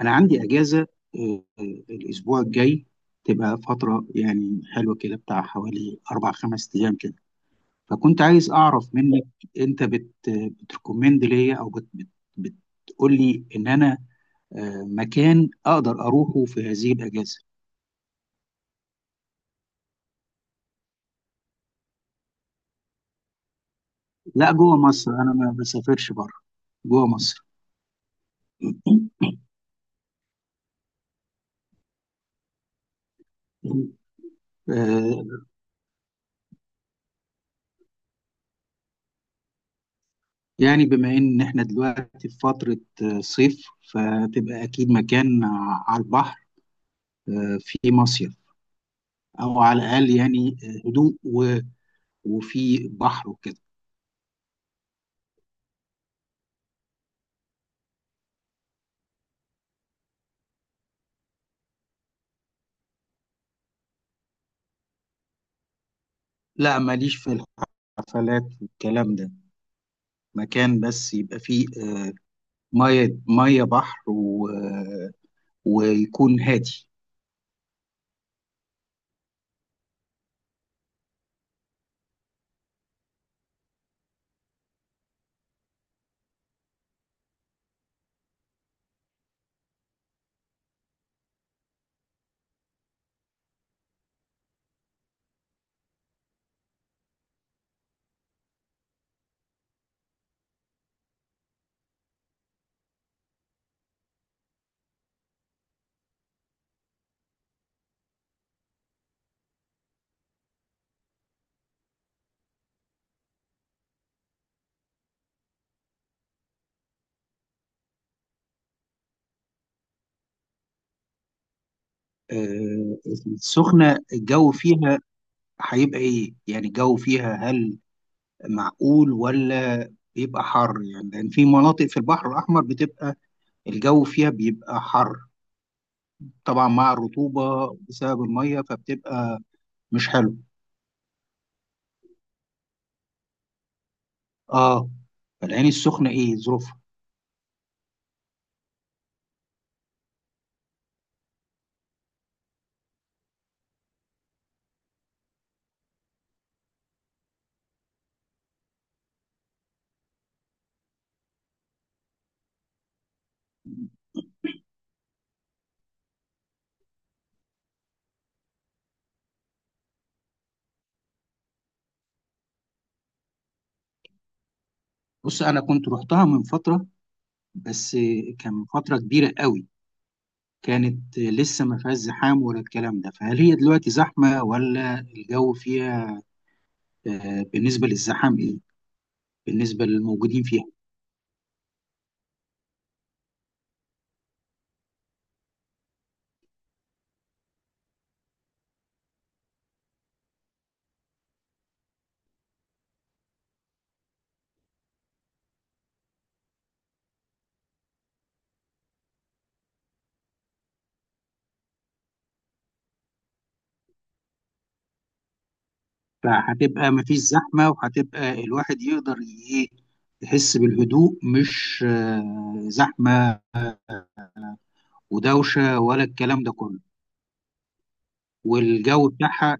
انا عندي اجازه. آه، آه، الاسبوع الجاي تبقى فتره يعني حلوه كده بتاع حوالي 4 5 ايام كده. فكنت عايز اعرف منك انت بتركومند ليا او بت بت بتقول لي ان انا مكان اقدر اروحه في هذه الاجازه. لا، جوه مصر، انا ما بسافرش بره، جوه مصر. آه، يعني بما ان احنا دلوقتي في فتره صيف، فتبقى اكيد مكان على البحر، في مصيف، او على الاقل يعني هدوء وفي بحر وكده. لا ماليش في الحفلات والكلام ده، مكان بس يبقى فيه ميه ميه بحر ويكون هادي. آه، السخنة الجو فيها هيبقى ايه؟ يعني الجو فيها هل معقول ولا بيبقى حر؟ يعني لان في مناطق في البحر الاحمر بتبقى الجو فيها بيبقى حر، طبعا مع الرطوبة بسبب المية، فبتبقى مش حلو. اه، فالعين السخنة ايه ظروفها؟ بص، انا كنت رحتها من فترة، بس كان من فترة كبيرة قوي، كانت لسه ما فيهاش زحام ولا الكلام ده. فهل هي دلوقتي زحمة ولا الجو فيها بالنسبة للزحام ايه، بالنسبة للموجودين فيها؟ فهتبقى ما فيش زحمة، وهتبقى الواحد يقدر ايه، يحس بالهدوء، مش زحمة ودوشة ولا الكلام ده كله. والجو بتاعها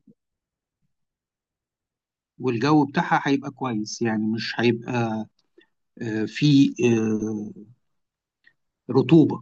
والجو بتاعها هيبقى كويس، يعني مش هيبقى في رطوبه.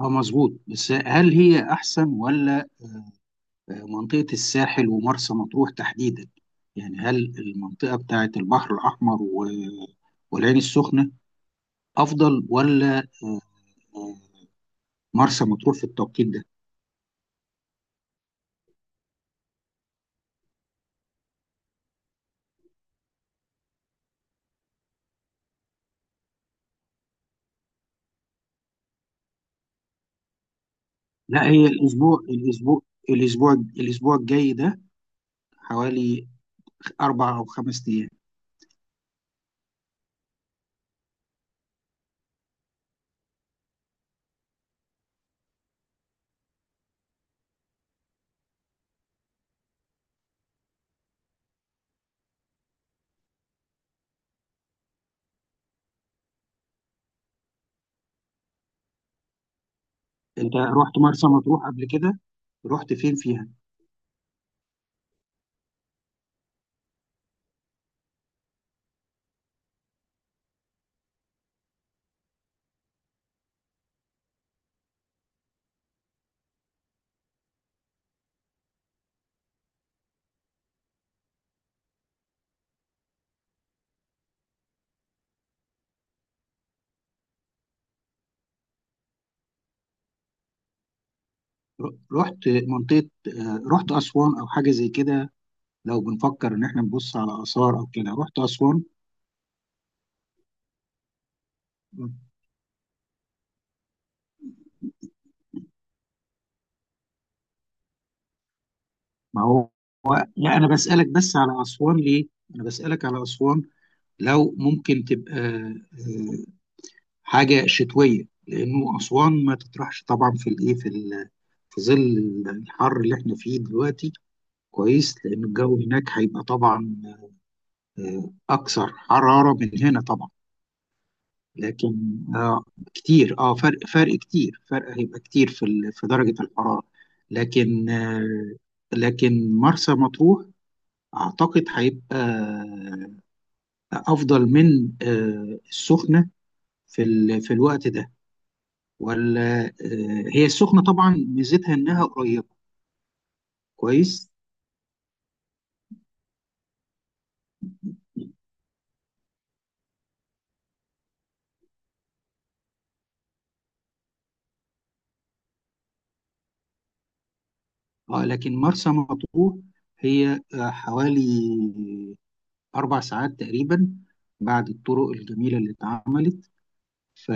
اه مظبوط. بس هل هي احسن ولا منطقه الساحل ومرسى مطروح تحديدا؟ يعني هل المنطقه بتاعه البحر الاحمر والعين السخنه افضل ولا آه، مرسى مطروح في التوقيت ده؟ لا هي الاسبوع الجاي ده، حوالي 4 او 5 ايام. انت رحت مرسى مطروح قبل كده؟ رحت فين فيها؟ رحت منطقة آه، رحت أسوان أو حاجة زي كده. لو بنفكر إن إحنا نبص على آثار أو كده، رحت أسوان؟ ما هو، لا أنا بسألك بس على أسوان ليه؟ أنا بسألك على أسوان لو ممكن تبقى حاجة شتوية، لأنه أسوان ما تطرحش طبعا في الإيه في ظل الحر اللي إحنا فيه دلوقتي، كويس، لأن الجو هناك هيبقى طبعا أكثر حرارة من هنا طبعا. لكن اه، كتير اه، فرق هيبقى كتير في في درجة الحرارة. لكن آه لكن مرسى مطروح اعتقد هيبقى افضل من السخنة في في الوقت ده، ولا هي السخنة طبعا ميزتها انها قريبة، كويس. اه لكن مرسى مطروح هي حوالي 4 ساعات تقريبا بعد الطرق الجميلة اللي اتعملت، ف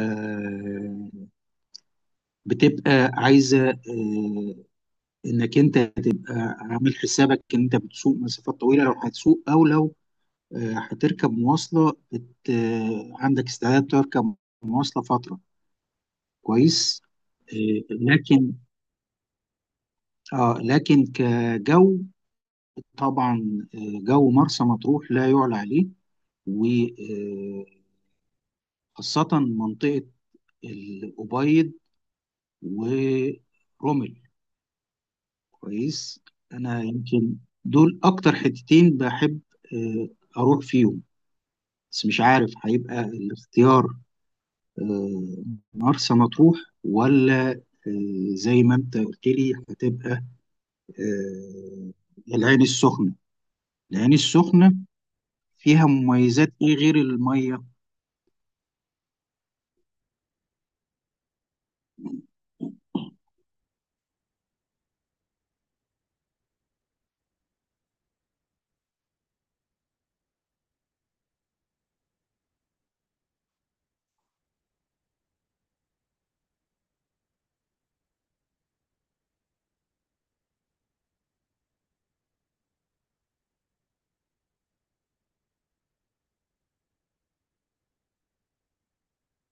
بتبقى عايزه انك انت تبقى عامل حسابك ان انت بتسوق مسافات طويله لو هتسوق، او لو هتركب مواصله بت... آه، عندك استعداد تركب مواصله فتره، كويس. آه، لكن اه لكن كجو طبعا جو مرسى مطروح لا يعلى عليه، وخاصه منطقه الأبيض ورمل، كويس. انا يمكن دول اكتر حتتين بحب آه، اروح فيهم، بس مش عارف هيبقى الاختيار آه، مرسى مطروح ولا زي ما انت قلت لي هتبقى آه، العين السخنة. العين السخنة فيها مميزات ايه غير المية؟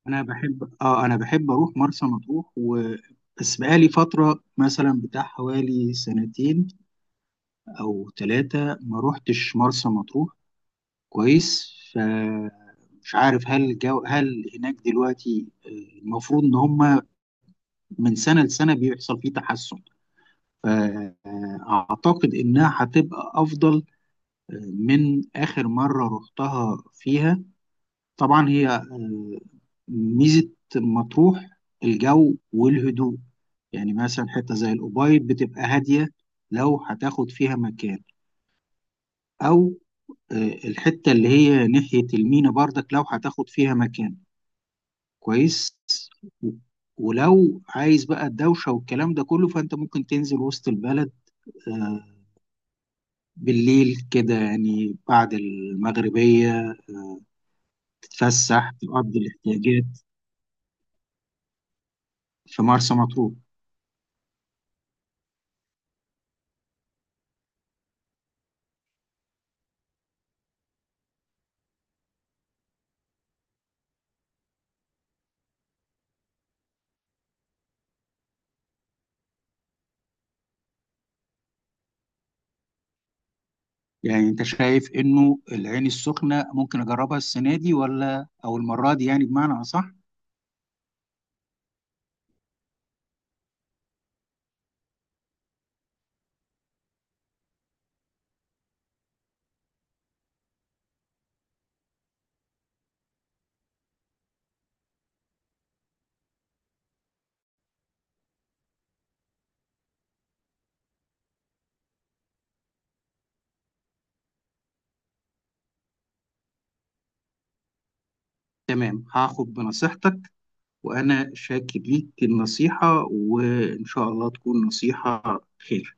انا بحب، اروح مرسى مطروح، و بس بقالي فترة مثلا بتاع حوالي سنتين أو 3 ما روحتش مرسى مطروح، كويس. فمش عارف هل هناك دلوقتي المفروض ان هم من سنه لسنه بيحصل فيه تحسن، فاعتقد انها هتبقى افضل من اخر مره رحتها فيها. طبعا هي ميزه مطروح الجو والهدوء، يعني مثلا حته زي الأوبايد بتبقى هاديه لو هتاخد فيها مكان، او آه، الحته اللي هي ناحيه المينا بردك لو هتاخد فيها مكان، كويس. ولو عايز بقى الدوشة والكلام ده كله، فأنت ممكن تنزل وسط البلد آه، بالليل كده، يعني بعد المغربية، تتفسح تقضي الاحتياجات في مرسى مطروح. يعني أنت شايف إنه العين السخنة ممكن أجربها السنة دي ولا أو المرة دي، يعني بمعنى أصح؟ تمام، هاخد بنصيحتك، وأنا شاكر ليك النصيحة، وإن شاء الله تكون نصيحة خير.